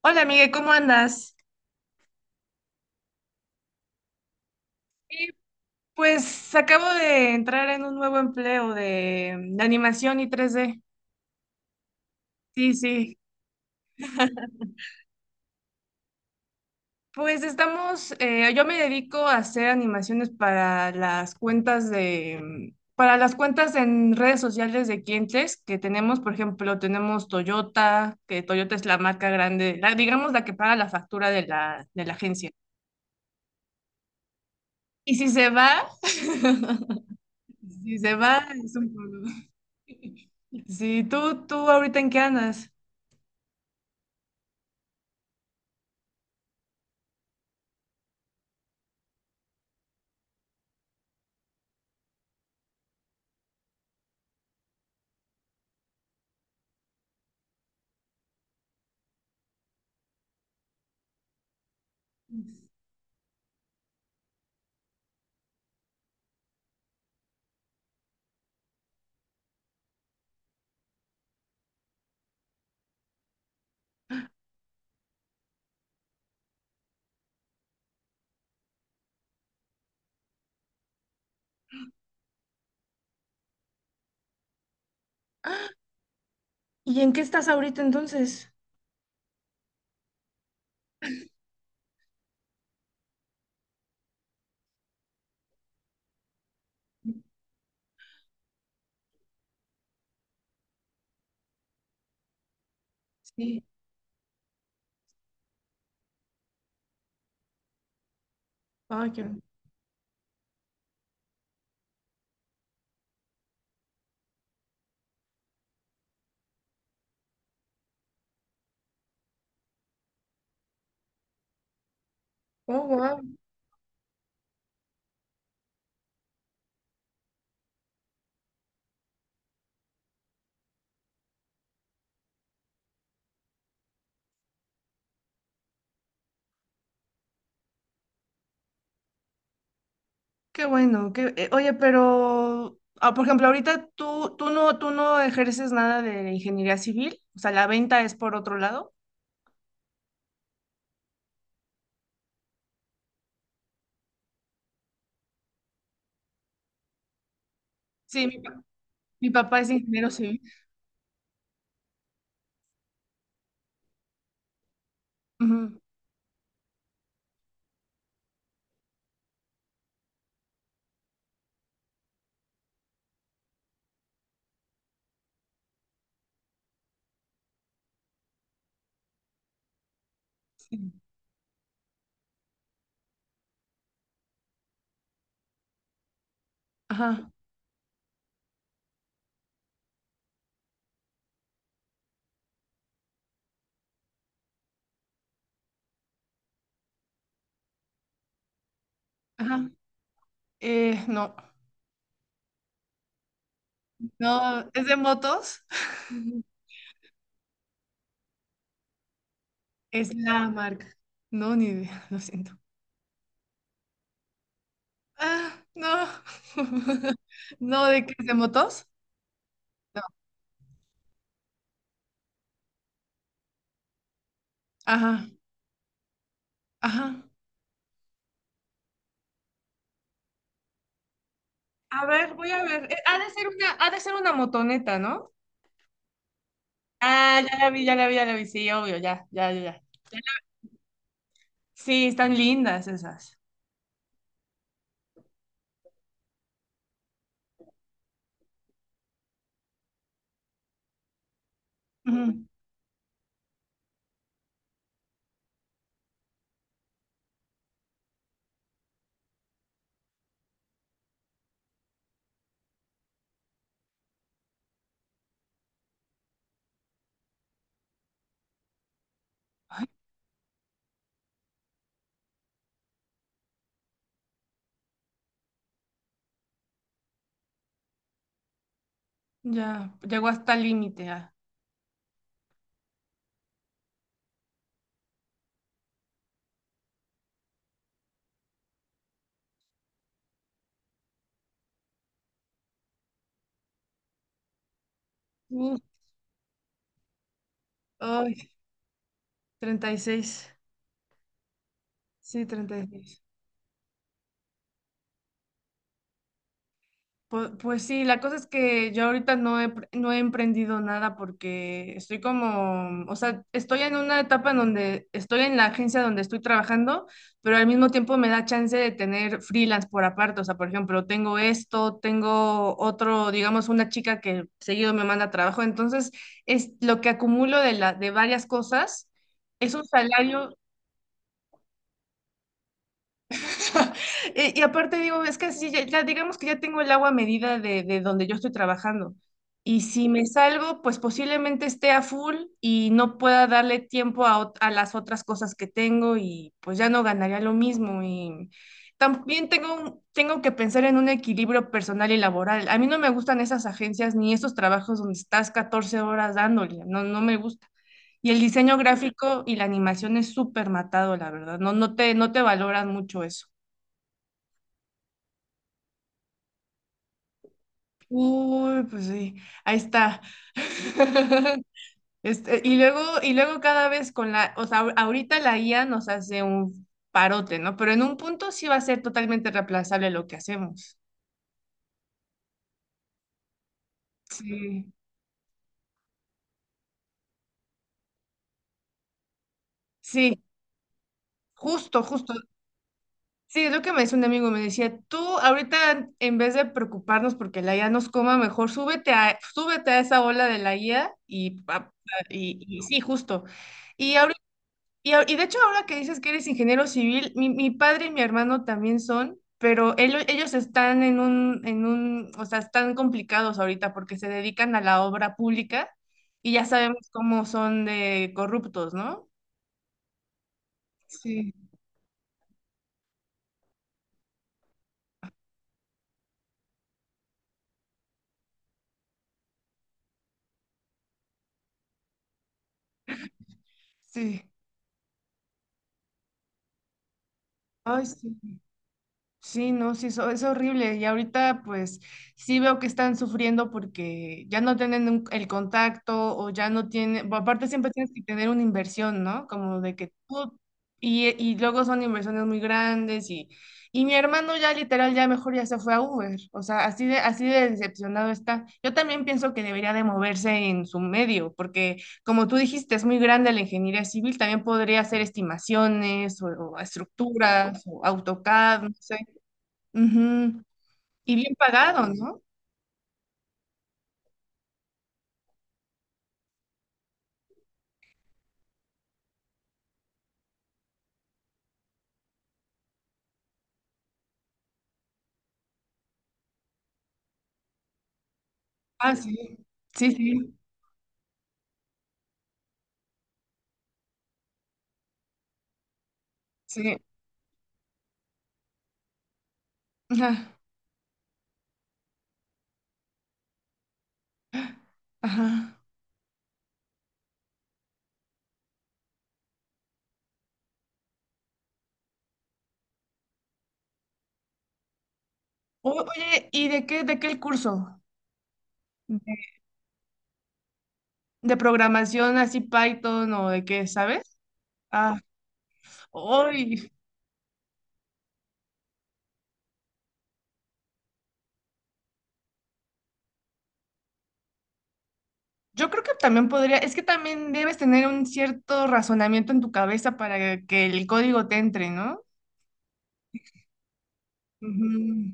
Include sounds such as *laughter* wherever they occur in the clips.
Hola, Miguel, ¿cómo andas? Y pues acabo de entrar en un nuevo empleo de animación y 3D. Sí, sí. Pues estamos, yo me dedico a hacer animaciones para las cuentas para las cuentas en redes sociales de clientes que tenemos. Por ejemplo, tenemos Toyota, que Toyota es la marca grande, digamos la que paga la factura de la agencia. Y *laughs* si se va, es un problema. Sí, ¿tú ahorita en qué andas? ¿Y en qué estás ahorita entonces? Sí. Ay. Oh, wow. Qué bueno. Oye, pero, ah, por ejemplo, ahorita tú no ejerces nada de ingeniería civil, o sea, la venta es por otro lado. Sí, mi papá es ingeniero civil. Ujú, sí. Ajá, ajá. No, no, es de motos. *laughs* Es la marca. No, ni idea, *laughs* lo siento. Ah, no. *laughs* No, ¿de qué? ¿De motos? No. Ajá, ajá. A ver, voy a ver. Ha de ser una motoneta, ¿no? Ah, ya la vi, ya la vi, ya la vi. Sí, obvio, ya, ya, ya, ya. Sí, están lindas esas. Ujú. Ya, llegó hasta el límite. Ah. Uf, ay, 36. Sí, 36. Pues, sí, la cosa es que yo ahorita no he emprendido nada porque o sea, estoy en una etapa en donde estoy en la agencia donde estoy trabajando, pero al mismo tiempo me da chance de tener freelance por aparte. O sea, por ejemplo, tengo esto, tengo otro, digamos, una chica que seguido me manda trabajo. Entonces, es lo que acumulo de varias cosas, es un salario. *laughs* Y aparte digo, es que así ya, ya digamos que ya tengo el agua a medida de donde yo estoy trabajando. Y si me salgo, pues posiblemente esté a full y no pueda darle tiempo a las otras cosas que tengo y pues ya no ganaría lo mismo. Y también tengo que pensar en un equilibrio personal y laboral. A mí no me gustan esas agencias ni esos trabajos donde estás 14 horas dándole, no, no me gusta. Y el diseño gráfico y la animación es súper matado, la verdad. No, no te valoran mucho eso. Uy, pues sí, ahí está. *laughs* Y luego, cada vez o sea, ahorita la IA nos hace un parote, ¿no? Pero en un punto sí va a ser totalmente reemplazable lo que hacemos. Sí, sí, justo, justo. Sí, es lo que me decía un amigo, me decía, tú ahorita en vez de preocuparnos porque la IA nos coma, mejor súbete a esa ola de la IA y, sí, justo. Y ahorita. Y de hecho, ahora que dices que eres ingeniero civil, mi padre y mi hermano también son, pero ellos están o sea, están complicados ahorita porque se dedican a la obra pública y ya sabemos cómo son de corruptos, ¿no? Sí, sí. Ay, sí. Sí, no, sí, eso es horrible. Y ahorita pues sí veo que están sufriendo porque ya no tienen el contacto o ya no tienen, bueno, aparte siempre tienes que tener una inversión, ¿no? Como de que tú. Y luego son inversiones muy grandes y mi hermano ya literal ya mejor ya se fue a Uber. O sea, así de decepcionado está. Yo también pienso que debería de moverse en su medio porque como tú dijiste, es muy grande la ingeniería civil. También podría hacer estimaciones o estructuras o AutoCAD, no sé. Ujú. Y bien pagado, ¿no? Ah, sí, sí, sí, sí. Ajá. Ajá. Oye, ¿y de qué el curso? ¿De, de programación así Python o de qué, sabes? Ah, hoy, yo creo que también podría, es que también debes tener un cierto razonamiento en tu cabeza para que el código te entre, ¿no? Ujú.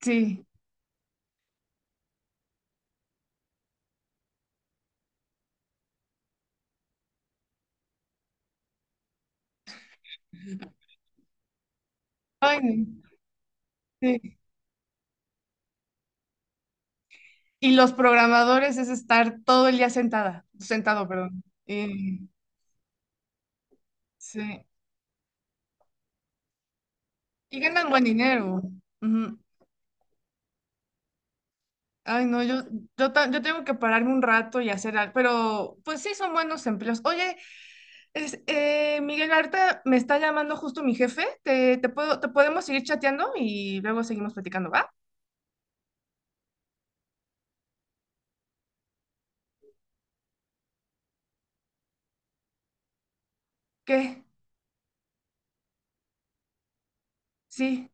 Sí. Ay, no. Sí. Y los programadores es estar todo el día sentada, sentado, perdón. Sí. Y ganan buen dinero. Ujú. Ay, no, yo tengo que pararme un rato y hacer algo, pero pues sí son buenos empleos. Oye, Miguel, ahorita me está llamando justo mi jefe. ¿Te podemos seguir chateando y luego seguimos platicando? ¿Va? ¿Qué? Sí.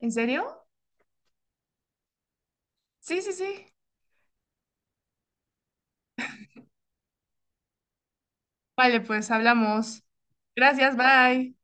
¿En serio? Sí, sí, sí. Vale, pues hablamos. Gracias, bye.